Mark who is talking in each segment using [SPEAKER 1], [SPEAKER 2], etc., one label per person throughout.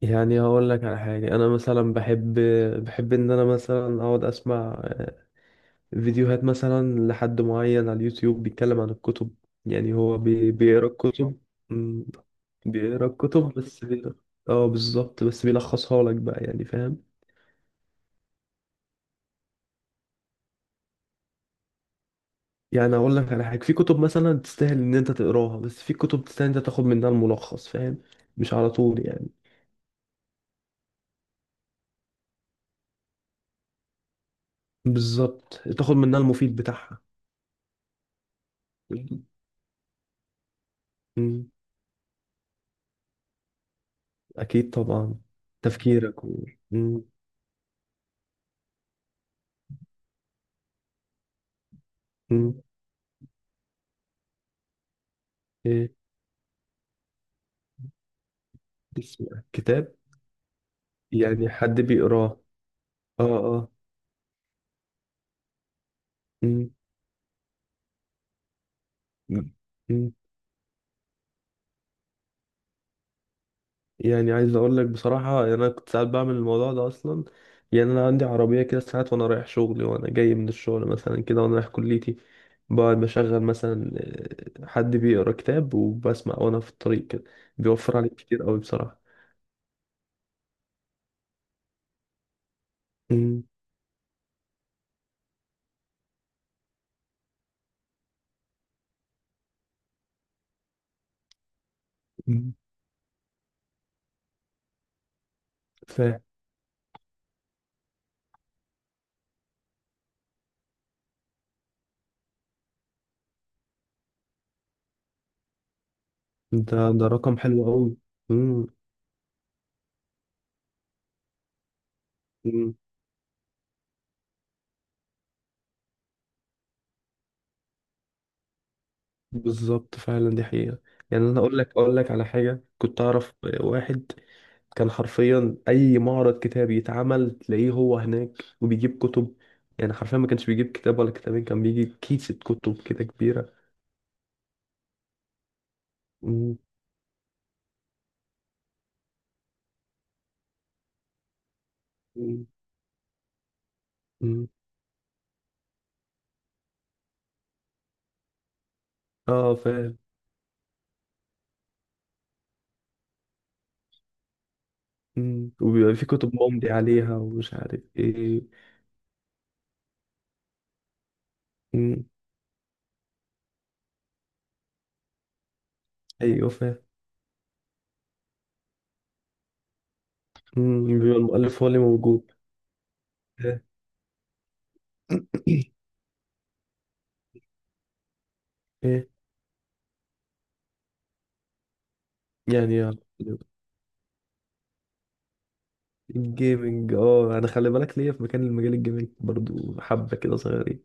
[SPEAKER 1] يعني هقول لك على حاجة. أنا مثلا بحب إن أنا مثلا أقعد أسمع فيديوهات مثلا لحد معين على اليوتيوب بيتكلم عن الكتب. يعني هو بيقرا الكتب. أمم، بيقرا الكتب بس بيقرا. اه بالظبط، بس بيلخصها لك بقى، يعني فاهم. يعني أقول لك على حاجة، في كتب مثلا تستاهل إن أنت تقراها، بس في كتب تستاهل إن أنت تاخد منها الملخص، فاهم. مش على طول يعني. بالظبط، تاخد منها المفيد بتاعها. أمم، أكيد طبعا. تفكيرك و... مم. إيه؟ اسم كتاب؟ يعني حد بيقراه. اه اه. مم. مم. مم. يعني عايز اقول لك بصراحة، يعني انا كنت ساعات بعمل الموضوع ده اصلا. يعني انا عندي عربية كده، ساعات وانا رايح شغلي وانا جاي من الشغل مثلا كده، وانا رايح كليتي، بقعد بشغل مثلا حد بيقرا كتاب وبسمع وانا في الطريق كده. بيوفر عليك كتير قوي بصراحة. مم. مم. فاهم. ده رقم حلو قوي. بالظبط، فعلا دي حقيقة. يعني انا اقول لك على حاجة، كنت اعرف واحد كان حرفيا اي معرض كتاب يتعمل تلاقيه هو هناك، وبيجيب كتب. يعني حرفيا ما كانش بيجيب كتاب ولا كتابين، كان بيجيب كيسة كتب كده كبيرة. مم. مم. مم. اه فاهم. وبيبقى في كتب ممضي عليها ومش عارف ايه. مم. ايوه فاهم. بيبقى المؤلف هو اللي موجود. ايه؟ إيه؟ يعني يلا. الجيمنج، اه انا خلي بالك ليا في مكان، المجال الجيمنج برضو حبة كده صغيرين.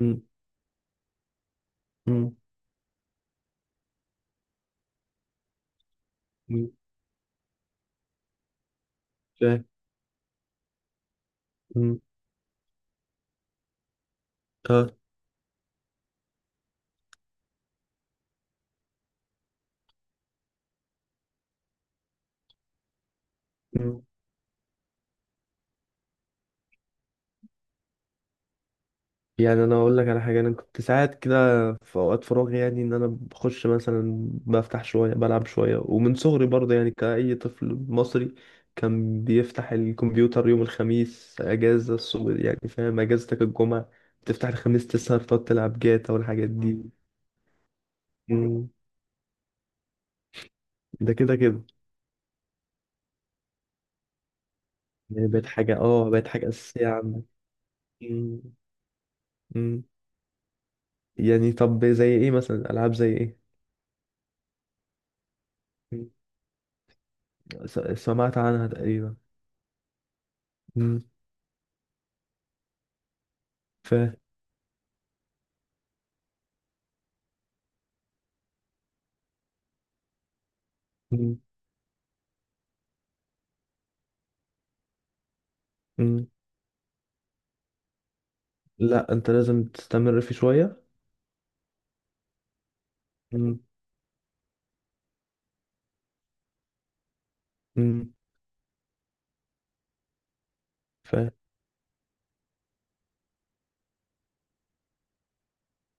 [SPEAKER 1] مم. مم. مم. فاهم. مم. اه. مم. يعني انا اقول لك على حاجة، انا كنت ساعات كده في اوقات فراغي، يعني ان انا بخش مثلا بفتح شوية بلعب شوية. ومن صغري برضه يعني، كأي طفل مصري كان بيفتح الكمبيوتر يوم الخميس، اجازة الصبح يعني فاهم، اجازتك الجمعة، تفتح الخميس، تسهر تقعد تلعب جاتا والحاجات دي. مم. ده كده كده. يعني بقت حاجة، اه بقت حاجة أساسية عندك. مم. مم. يعني طب زي ايه مثلا؟ ألعاب زي ايه؟ مم. سمعت عنها تقريبا. مم. ف مم. مم. لا انت لازم تستمر فيه شوية. مم. مم. ف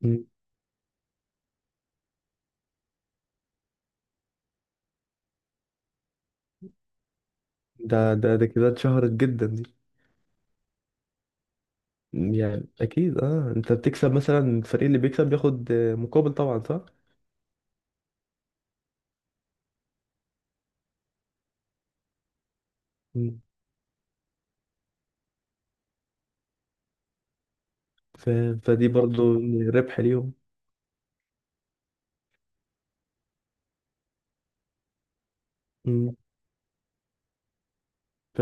[SPEAKER 1] مم. ده كده اتشهرت جدا دي. يعني اكيد، اه انت بتكسب، مثلا الفريق اللي بيكسب بياخد مقابل طبعا، صح. مم. ف... فدي برضو ربح ليهم. مم. ف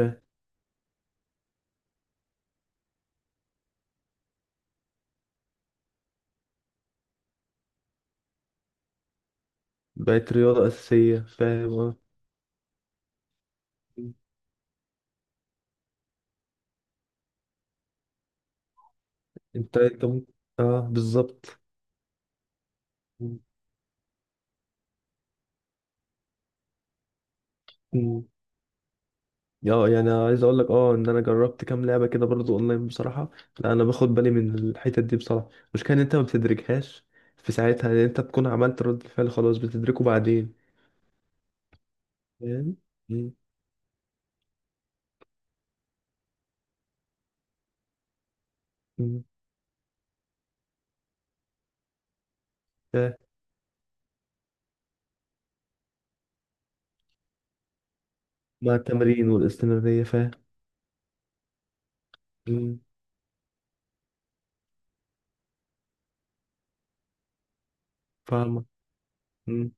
[SPEAKER 1] بقت رياضة أساسية فاهم. آه. انت ممكن، اه بالظبط. مم. اه يعني عايز اقول لك، اه ان انا جربت كام لعبه كده برضو اونلاين بصراحه. لا انا باخد بالي من الحتت دي بصراحه. المشكله ان انت ما بتدركهاش في ساعتها، يعني انت بتكون عملت رد الفعل خلاص، بتدركه بعدين. فاهم. مم. مم. فاهم. مع التمرين والاستمراريه، فاهم. مم. فاهمه. مم.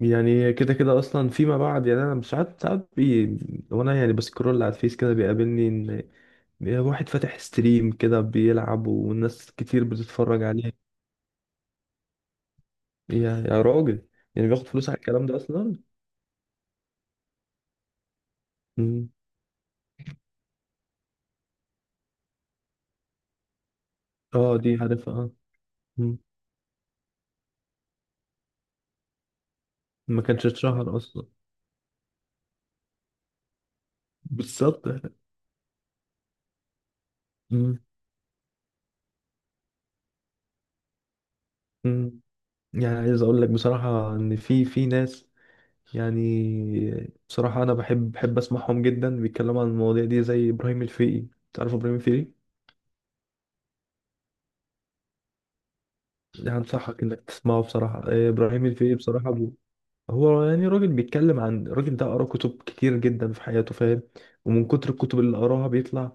[SPEAKER 1] يعني كده كده اصلا فيما بعد، يعني انا مش ساعات، وانا يعني بسكرول على الفيس كده بيقابلني يا واحد فاتح ستريم كده بيلعب، والناس كتير بتتفرج عليه. يا راجل، يعني بياخد فلوس على الكلام ده اصلا. مم. اه دي عارفها، اه. مم. ما كانش اتشهر اصلا. بالظبط. مم. مم. يعني عايز اقول لك بصراحة، ان في ناس، يعني بصراحة انا بحب اسمعهم جدا بيتكلموا عن المواضيع دي، زي ابراهيم الفقي. تعرف ابراهيم الفقي؟ يعني انصحك انك تسمعه بصراحة، ابراهيم الفقي بصراحة. هو يعني راجل بيتكلم. عن الراجل ده؟ قرا كتب كتير جدا في حياته فاهم. ومن كتر الكتب اللي قراها بيطلع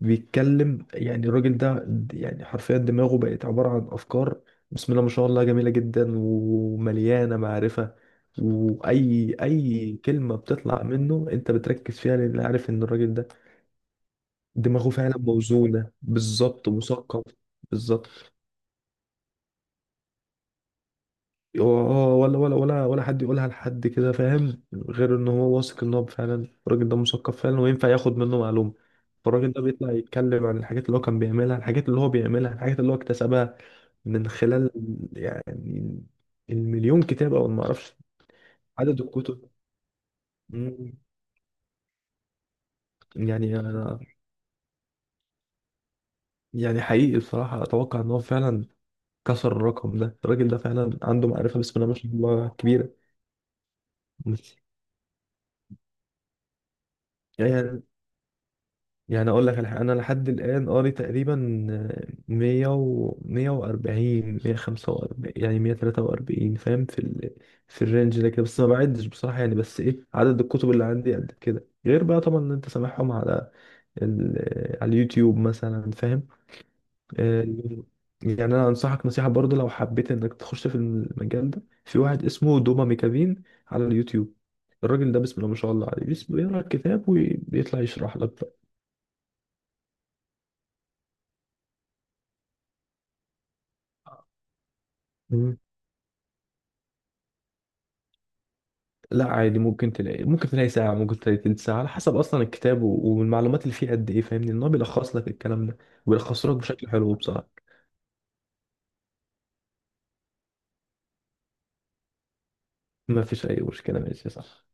[SPEAKER 1] بيتكلم. يعني الراجل ده، يعني حرفيا دماغه بقت عبارة عن أفكار، بسم الله ما شاء الله، جميلة جدا ومليانة معرفة. وأي كلمة بتطلع منه أنت بتركز فيها، لأن عارف إن الراجل ده دماغه فعلا موزونة. بالظبط، مثقف. بالظبط. اه، ولا حد يقولها لحد كده فاهم، غير ان هو واثق ان هو فعلا الراجل ده مثقف فعلا، وينفع ياخد منه معلومه. فالراجل ده بيطلع يتكلم عن الحاجات اللي هو كان بيعملها، الحاجات اللي هو بيعملها، الحاجات اللي هو اكتسبها من خلال يعني المليون كتاب او ما اعرفش. عدد الكتب. مم. يعني أنا يعني حقيقي بصراحه، اتوقع ان هو فعلا كسر الرقم ده. الراجل ده فعلا عنده معرفه بسم الله ما شاء الله كبيره. بس يعني، يعني اقول لك الحق، انا لحد الان قاري تقريبا، 100 و 140 145، يعني 143 فاهم، في الرينج ده كده بس، ما بعدش بصراحه. يعني بس ايه، عدد الكتب اللي عندي قد كده، غير بقى طبعا ان انت سامعهم على ال... على اليوتيوب مثلا، فاهم. آه، يعني انا انصحك نصيحه برضه، لو حبيت انك تخش في المجال ده، في واحد اسمه دوما ميكافين على اليوتيوب. الراجل ده بسم الله ما شاء الله عليه، بيقرا الكتاب وبيطلع يشرح لك بقى. لا عادي، ممكن تلاقي، ممكن تلاقي ساعة، ممكن تلاقي تلت ساعة، على حسب أصلا الكتاب والمعلومات اللي فيه قد إيه. فاهمني، إن هو بيلخص لك الكلام ده ويلخصه لك بشكل حلو بصراحة. ما فيش أي مشكلة، ماشي، صح.